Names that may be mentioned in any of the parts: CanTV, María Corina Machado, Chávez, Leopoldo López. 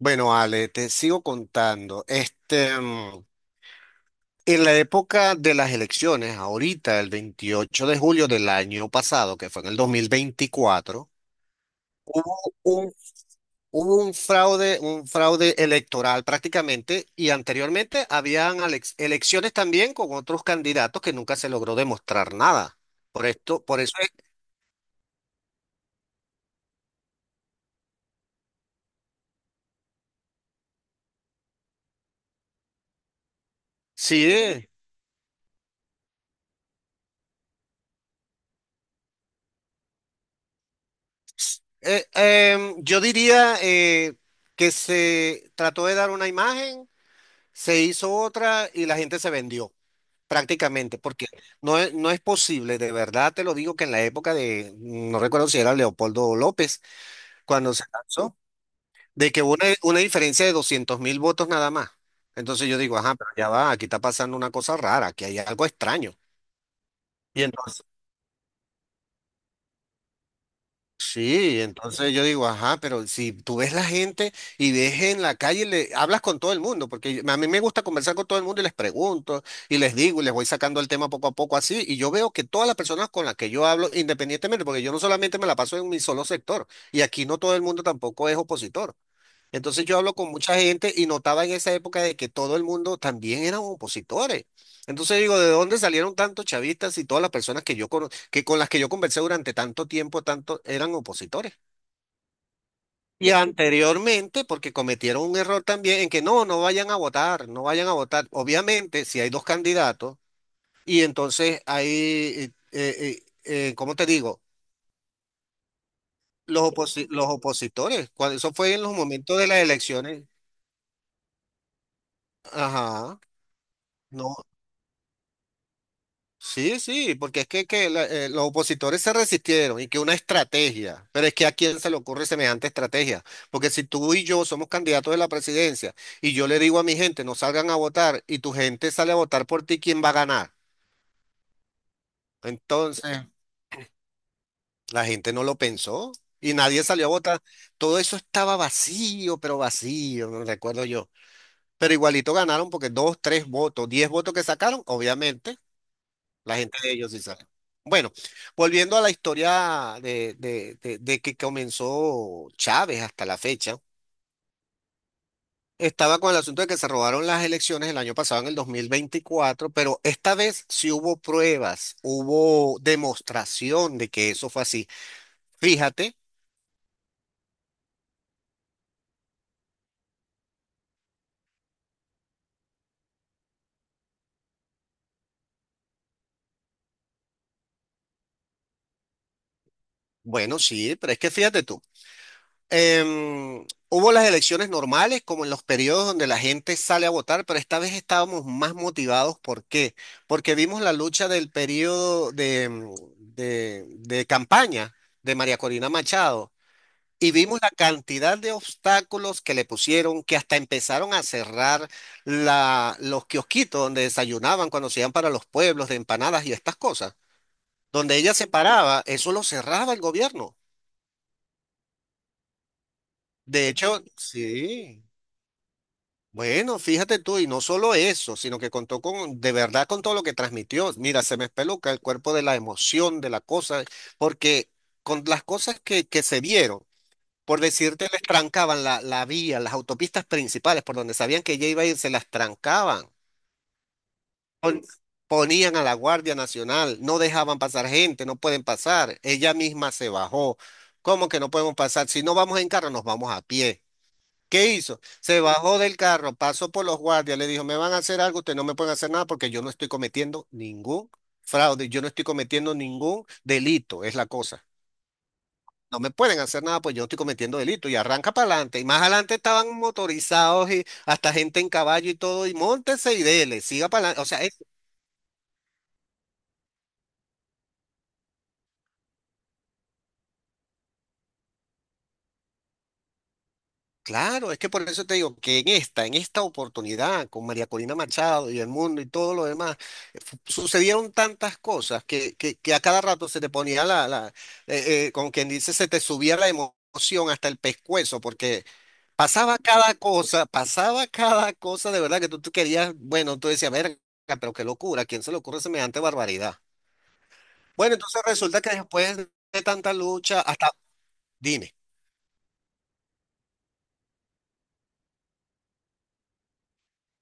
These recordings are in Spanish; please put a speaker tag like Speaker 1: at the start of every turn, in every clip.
Speaker 1: Bueno, Ale, te sigo contando. En la época de las elecciones, ahorita, el 28 de julio del año pasado, que fue en el 2024, un- hubo un fraude electoral prácticamente, y anteriormente habían elecciones también con otros candidatos que nunca se logró demostrar nada. Por esto, por eso es, sí, em, yo diría que se trató de dar una imagen. Se hizo otra y la gente se vendió prácticamente, porque no es posible, de verdad te lo digo, que en la época de, no recuerdo si era Leopoldo López, cuando se lanzó, de que hubo una diferencia de 200.000 votos nada más. Entonces yo digo, ajá, pero ya va, aquí está pasando una cosa rara, aquí hay algo extraño. Y entonces, Sí, entonces yo digo, ajá, pero si tú ves la gente y ves en la calle, le hablas con todo el mundo, porque a mí me gusta conversar con todo el mundo y les pregunto y les digo y les voy sacando el tema poco a poco así, y yo veo que todas las personas con las que yo hablo, independientemente, porque yo no solamente me la paso en mi solo sector, y aquí no todo el mundo tampoco es opositor. Entonces yo hablo con mucha gente y notaba en esa época de que todo el mundo también eran opositores. Entonces digo, ¿de dónde salieron tantos chavistas y todas las personas que yo que con las que yo conversé durante tanto tiempo, tanto eran opositores? Y anteriormente, porque cometieron un error también en que no, no vayan a votar, no vayan a votar. Obviamente, si hay dos candidatos y entonces ¿cómo te digo? Los opositores, cuando eso fue en los momentos de las elecciones, ajá. No, sí, sí, porque es que, los opositores se resistieron y que una estrategia, pero es que a quién se le ocurre semejante estrategia, porque si tú y yo somos candidatos de la presidencia y yo le digo a mi gente no salgan a votar y tu gente sale a votar por ti, ¿quién va a ganar? Entonces, la gente no lo pensó y nadie salió a votar. Todo eso estaba vacío, pero vacío, no recuerdo yo. Pero igualito ganaron porque dos, tres votos, diez votos que sacaron, obviamente. La gente de ellos sí sabe. Bueno, volviendo a la historia de que comenzó Chávez hasta la fecha, estaba con el asunto de que se robaron las elecciones el año pasado, en el 2024, pero esta vez sí hubo pruebas, hubo demostración de que eso fue así. Fíjate, bueno, sí, pero es que fíjate tú. Hubo las elecciones normales, como en los periodos donde la gente sale a votar, pero esta vez estábamos más motivados. ¿Por qué? Porque vimos la lucha del periodo de, de campaña de María Corina Machado y vimos la cantidad de obstáculos que le pusieron, que hasta empezaron a cerrar los kiosquitos donde desayunaban cuando se iban para los pueblos de empanadas y estas cosas. Donde ella se paraba, eso lo cerraba el gobierno. De hecho, sí. Bueno, fíjate tú, y no solo eso, sino que contó con, de verdad, con todo lo que transmitió. Mira, se me espeluca el cuerpo de la emoción, de la cosa, porque con las cosas que se vieron, por decirte, les trancaban la vía, las autopistas principales por donde sabían que ella iba a ir, se las trancaban. Pon- Ponían a la Guardia Nacional, no dejaban pasar gente, no pueden pasar. Ella misma se bajó. ¿Cómo que no podemos pasar? Si no vamos en carro, nos vamos a pie. ¿Qué hizo? Se bajó del carro, pasó por los guardias, le dijo, me van a hacer algo, ustedes no me pueden hacer nada porque yo no estoy cometiendo ningún fraude, yo no estoy cometiendo ningún delito, es la cosa. No me pueden hacer nada pues yo no estoy cometiendo delito y arranca para adelante. Y más adelante estaban motorizados y hasta gente en caballo y todo, y móntese y dele, siga para adelante. O sea, claro, es que por eso te digo que en esta oportunidad con María Corina Machado y el mundo y todo lo demás, sucedieron tantas cosas que a cada rato se te ponía la, como quien dice, se te subía la emoción hasta el pescuezo, porque pasaba cada cosa de verdad que tú querías, bueno, tú decías, verga, pero qué locura, ¿a quién se le ocurre semejante barbaridad? Bueno, entonces resulta que después de tanta lucha, hasta, dime.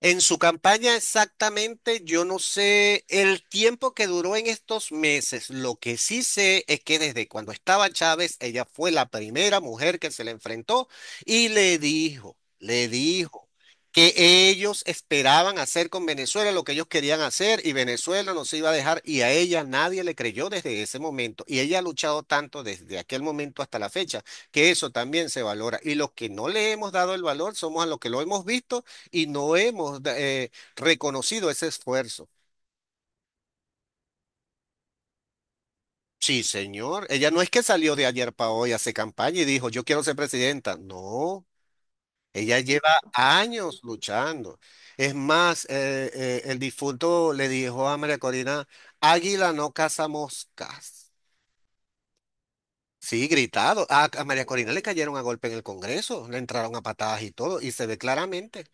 Speaker 1: En su campaña exactamente, yo no sé el tiempo que duró en estos meses. Lo que sí sé es que desde cuando estaba Chávez, ella fue la primera mujer que se le enfrentó y le dijo que ellos esperaban hacer con Venezuela lo que ellos querían hacer y Venezuela no se iba a dejar y a ella nadie le creyó desde ese momento. Y ella ha luchado tanto desde aquel momento hasta la fecha que eso también se valora. Y los que no le hemos dado el valor somos a los que lo hemos visto y no hemos reconocido ese esfuerzo. Sí, señor. Ella no es que salió de ayer para hoy, hace campaña y dijo, yo quiero ser presidenta. No, ella lleva años luchando. Es más, el difunto le dijo a María Corina, águila no caza moscas. Sí, gritado. A María Corina le cayeron a golpe en el Congreso, le entraron a patadas y todo, y se ve claramente.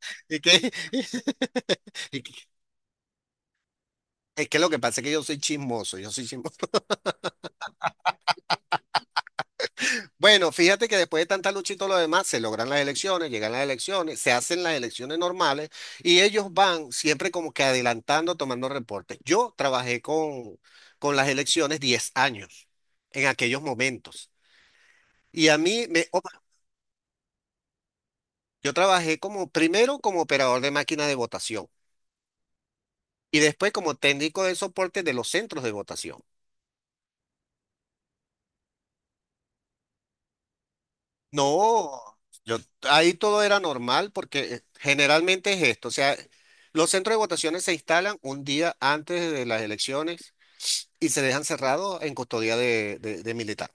Speaker 1: ¿Y qué y que- es que lo que pasa es que yo soy chismoso, yo soy chismoso. Bueno, fíjate que después de tanta lucha y todo lo demás, se logran las elecciones, llegan las elecciones, se hacen las elecciones normales y ellos van siempre como que adelantando, tomando reportes. Yo trabajé con las elecciones 10 años en aquellos momentos. Opa, yo trabajé como primero como operador de máquina de votación y después como técnico de soporte de los centros de votación. No, yo ahí todo era normal porque generalmente es esto, o sea, los centros de votaciones se instalan un día antes de las elecciones y se dejan cerrados en custodia de militar.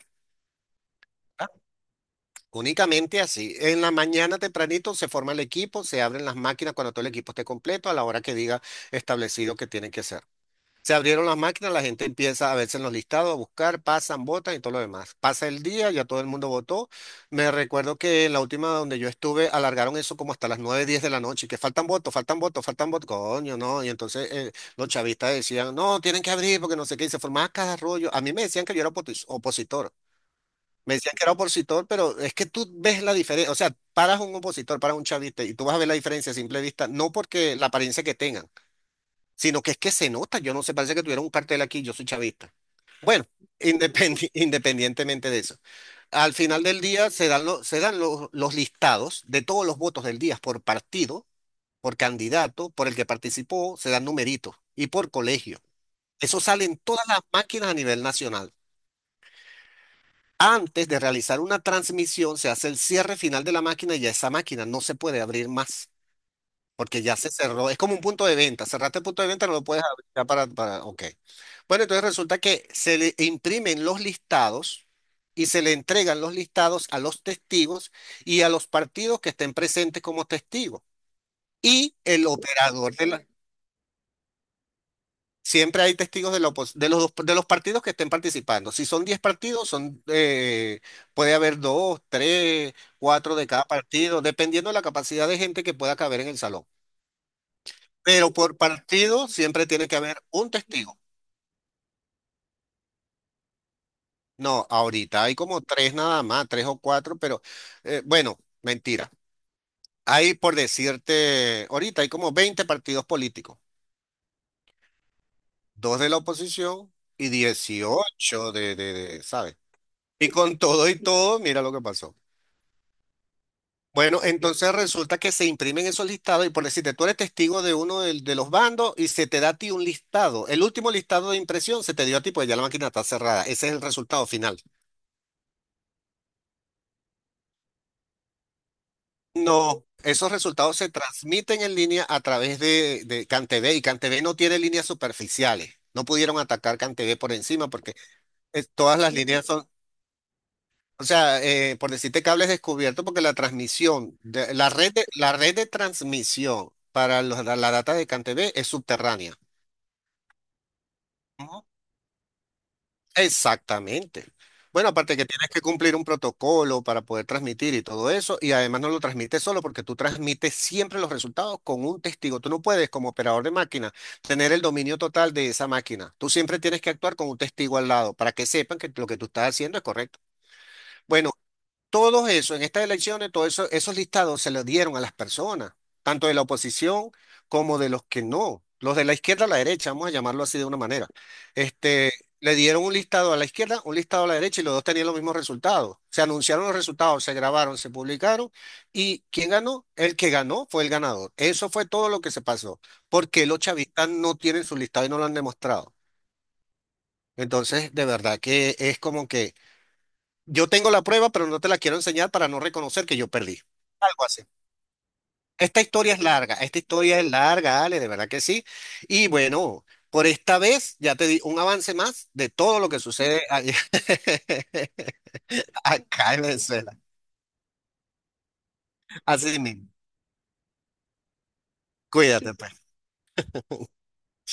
Speaker 1: ¿Ah? Únicamente así. En la mañana tempranito se forma el equipo, se abren las máquinas cuando todo el equipo esté completo a la hora que diga establecido que tienen que ser. Se abrieron las máquinas, la gente empieza a verse en los listados, a buscar, pasan, votan y todo lo demás. Pasa el día, ya todo el mundo votó. Me recuerdo que en la última donde yo estuve, alargaron eso como hasta las 9:10 de la noche, que faltan votos, faltan votos, faltan votos, coño, no. Y entonces los chavistas decían, no, tienen que abrir porque no sé qué, y se formaba cada rollo. A mí me decían que yo era opositor. Me decían que era opositor, pero es que tú ves la diferencia, o sea, paras un opositor, paras un chavista y tú vas a ver la diferencia a simple vista, no porque la apariencia que tengan, sino que es que se nota, yo no sé, parece que tuviera un cartel aquí, yo soy chavista. Bueno, independientemente de eso. Al final del día se dan los listados de todos los votos del día por partido, por candidato, por el que participó, se dan numeritos y por colegio. Eso sale en todas las máquinas a nivel nacional. Antes de realizar una transmisión, se hace el cierre final de la máquina y ya esa máquina no se puede abrir más. Porque ya se cerró, es como un punto de venta, cerraste el punto de venta, no lo puedes abrir ya para, ok. Bueno, entonces resulta que se le imprimen los listados y se le entregan los listados a los testigos y a los partidos que estén presentes como testigos. Y el operador de la... Siempre hay testigos de, la opos- de los, dos- de los partidos que estén participando. Si son 10 partidos, puede haber 2, 3, 4 de cada partido, dependiendo de la capacidad de gente que pueda caber en el salón. Pero por partido siempre tiene que haber un testigo. No, ahorita hay como tres nada más, tres o cuatro, pero bueno, mentira. Hay, por decirte, ahorita hay como 20 partidos políticos, dos de la oposición y 18 de, ¿sabes? Y con todo y todo, mira lo que pasó. Bueno, entonces resulta que se imprimen esos listados y por decirte, tú eres testigo de uno de los bandos y se te da a ti un listado. El último listado de impresión se te dio a ti, pues ya la máquina está cerrada. Ese es el resultado final. No, esos resultados se transmiten en línea a través de CanTV y CanTV no tiene líneas superficiales. No pudieron atacar CanTV por encima porque todas las líneas son, o sea, por decirte cables descubiertos porque la red la red de transmisión para la data de CanTV es subterránea. Exactamente. Bueno, aparte que tienes que cumplir un protocolo para poder transmitir y todo eso, y además no lo transmites solo porque tú transmites siempre los resultados con un testigo. Tú no puedes, como operador de máquina, tener el dominio total de esa máquina. Tú siempre tienes que actuar con un testigo al lado para que sepan que lo que tú estás haciendo es correcto. Bueno, todo eso, en estas elecciones, todos eso, esos listados se los dieron a las personas, tanto de la oposición como de los que no, los de la izquierda a la derecha, vamos a llamarlo así de una manera. Este, le dieron un listado a la izquierda, un listado a la derecha y los dos tenían los mismos resultados. Se anunciaron los resultados, se grabaron, se publicaron y ¿quién ganó? El que ganó fue el ganador. Eso fue todo lo que se pasó, porque los chavistas no tienen su listado y no lo han demostrado. Entonces, de verdad que es como que... Yo tengo la prueba, pero no te la quiero enseñar para no reconocer que yo perdí. Algo así. Esta historia es larga, esta historia es larga, Ale, de verdad que sí. Y bueno, por esta vez ya te di un avance más de todo lo que sucede acá en Venezuela. Así mismo. Cuídate, pues. Chao.